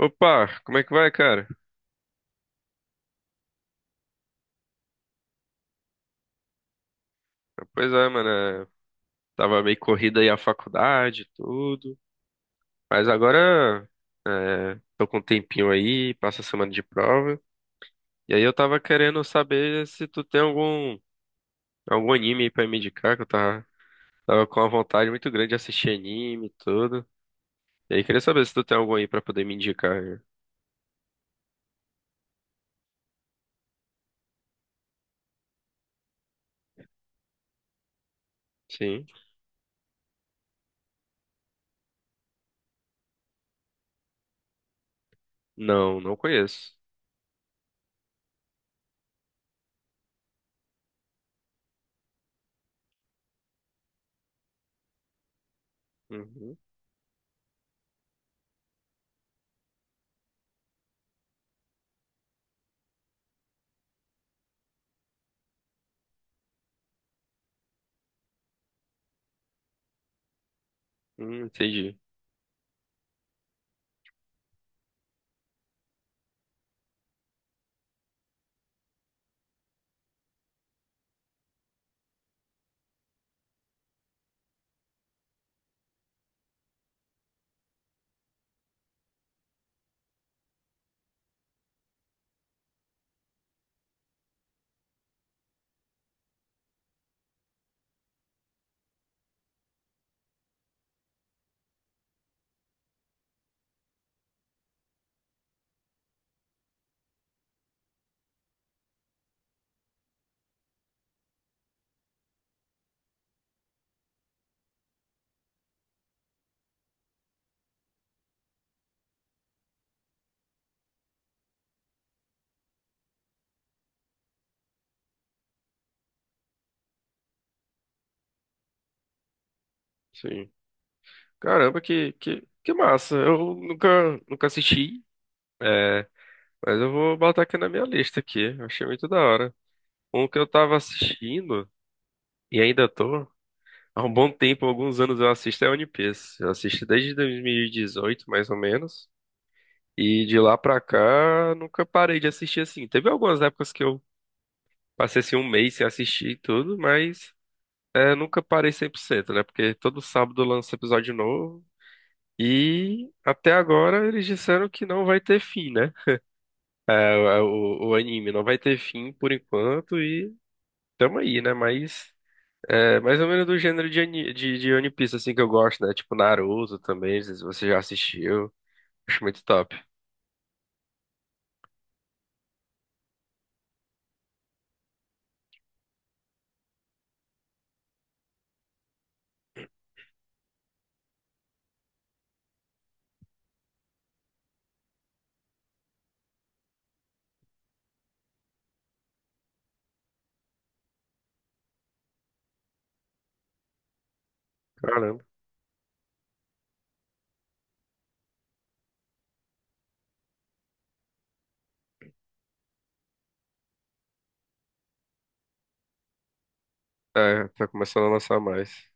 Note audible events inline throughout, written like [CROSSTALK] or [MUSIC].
Opa, como é que vai, cara? Pois é, mano, é, tava meio corrida aí a faculdade, e tudo, mas agora tô com um tempinho aí, passa a semana de prova, e aí eu tava querendo saber se tu tem algum anime aí pra me indicar, que eu tava com uma vontade muito grande de assistir anime e tudo, e aí queria saber se tu tem algum aí pra poder me indicar, né? Sim? Não, não conheço. Uhum. Entendi. Sim. Caramba, que massa. Eu nunca assisti. é, Mas eu vou botar aqui na minha lista aqui. Eu achei muito da hora. Um que eu tava assistindo e ainda tô há um bom tempo, alguns anos. Eu assisto é One Piece. Eu assisto desde 2018, mais ou menos. E de lá pra cá, nunca parei de assistir assim. Teve algumas épocas que eu passei assim um mês sem assistir e tudo, mas nunca parei 100%, né? Porque todo sábado lança episódio novo. E até agora eles disseram que não vai ter fim, né? O anime não vai ter fim por enquanto e tamo aí, né? Mas é mais ou menos do gênero de One Piece, assim, que eu gosto, né? Tipo Naruto também, não sei se você já assistiu. Acho muito top. Caramba. É, tá começando a lançar mais.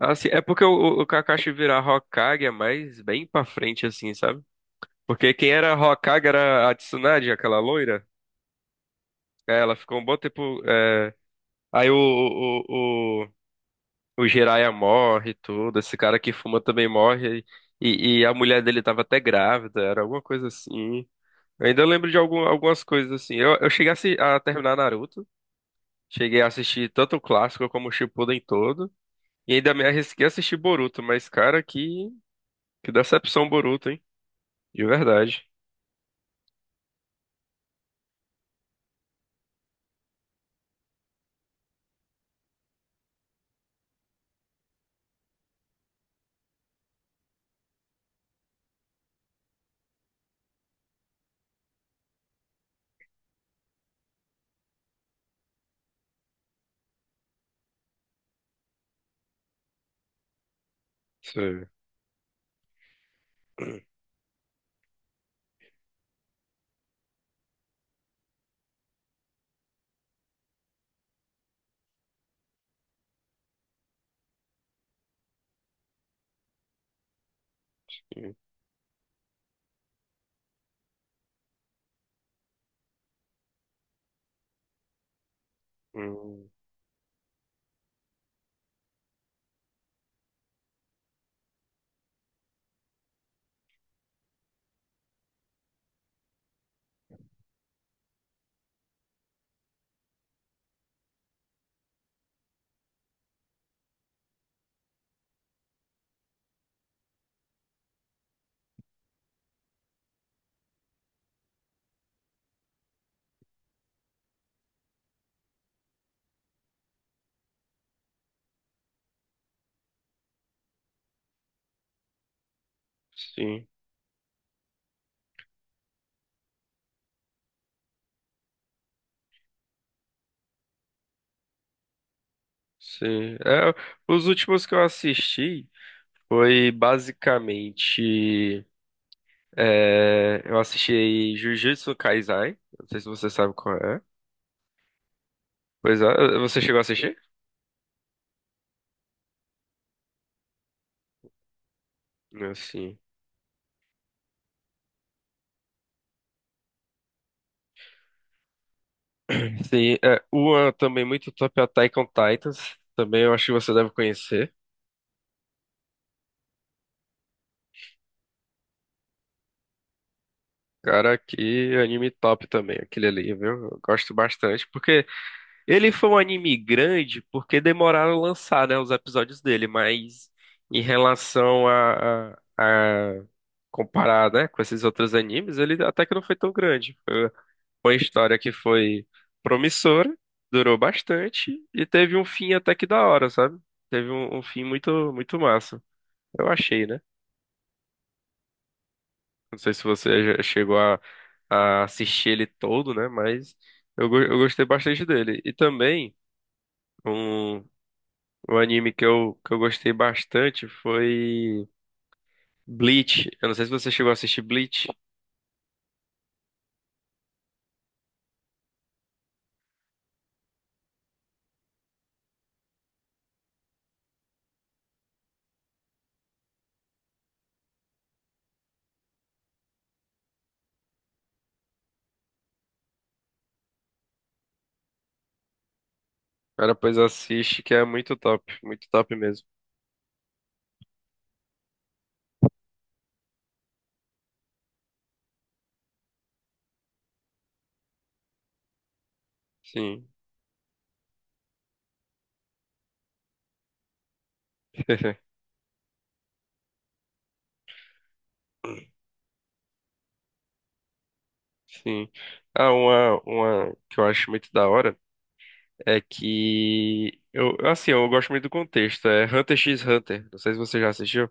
Assim, é porque o Kakashi virar Hokage é mais bem pra frente, assim, sabe? Porque quem era Hokage era a Tsunade, aquela loira. É, ela ficou um bom tempo. Aí o Jiraiya morre e tudo. Esse cara que fuma também morre. E a mulher dele tava até grávida, era alguma coisa assim. Eu ainda lembro de algumas coisas assim. Eu cheguei a terminar Naruto, cheguei a assistir tanto o clássico como o Shippuden todo, e ainda me arrisquei a assistir Boruto, mas cara, que decepção Boruto, hein? De verdade. Sim. Hum, sim, sim. É, os últimos que eu assisti foi basicamente. Eu assisti Jujutsu Kaisen. Não sei se você sabe qual é. Pois é, você chegou a assistir? Não, sim. Sim, é, uma também muito top é Attack on Titans. Também eu acho que você deve conhecer. Cara, que anime top também, aquele ali, viu? Eu gosto bastante, porque ele foi um anime grande porque demoraram a lançar, né, os episódios dele, mas em relação a comparar, né, com esses outros animes, ele até que não foi tão grande. Foi uma história que foi promissora, durou bastante e teve um fim até que da hora, sabe? Teve um fim muito, muito massa. Eu achei, né? Não sei se você já chegou a assistir ele todo, né? Mas eu gostei bastante dele. E também um, um anime que eu gostei bastante foi Bleach. Eu não sei se você chegou a assistir Bleach. Cara, pois assiste, que é muito top. Muito top mesmo. Sim. [LAUGHS] Sim. Ah, uma que eu acho muito da hora é que eu, assim, eu gosto muito do contexto. É Hunter x Hunter. Não sei se você já assistiu.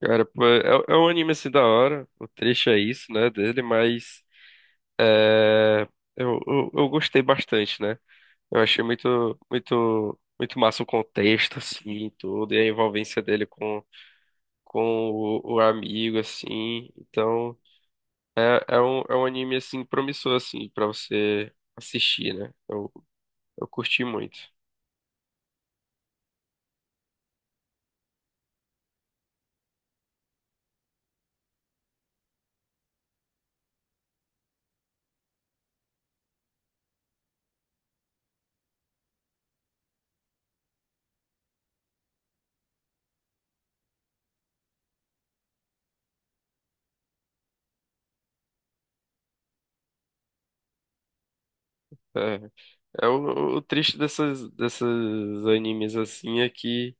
Cara, pô, é um anime assim da hora. O trecho é isso, né, dele, mas é, eu gostei bastante, né? Eu achei muito, muito, muito massa o contexto, assim, e tudo, e a envolvência dele com o amigo, assim. Então, é um anime, assim, promissor, assim, pra você assistir, né? Eu curti muito. É, é o triste dessas animes, assim, é que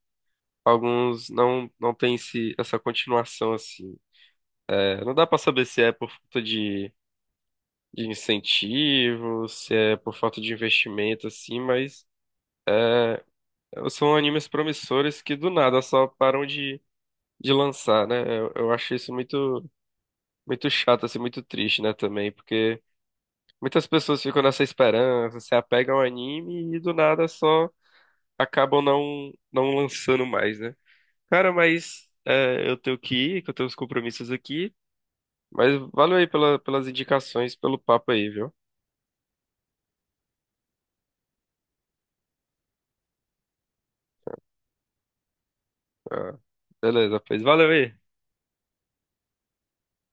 alguns não têm essa continuação assim. É, não dá pra saber se é por falta de incentivo, se é por falta de investimento assim, mas são animes promissores que do nada só param de lançar, né? Eu acho isso muito muito chato assim, muito triste, né, também, porque muitas pessoas ficam nessa esperança, se apegam ao anime e do nada só acabam não lançando mais, né? Cara, mas eu tenho que ir, que eu tenho os compromissos aqui. Mas valeu aí pelas indicações, pelo papo aí, viu? Beleza, pois valeu aí.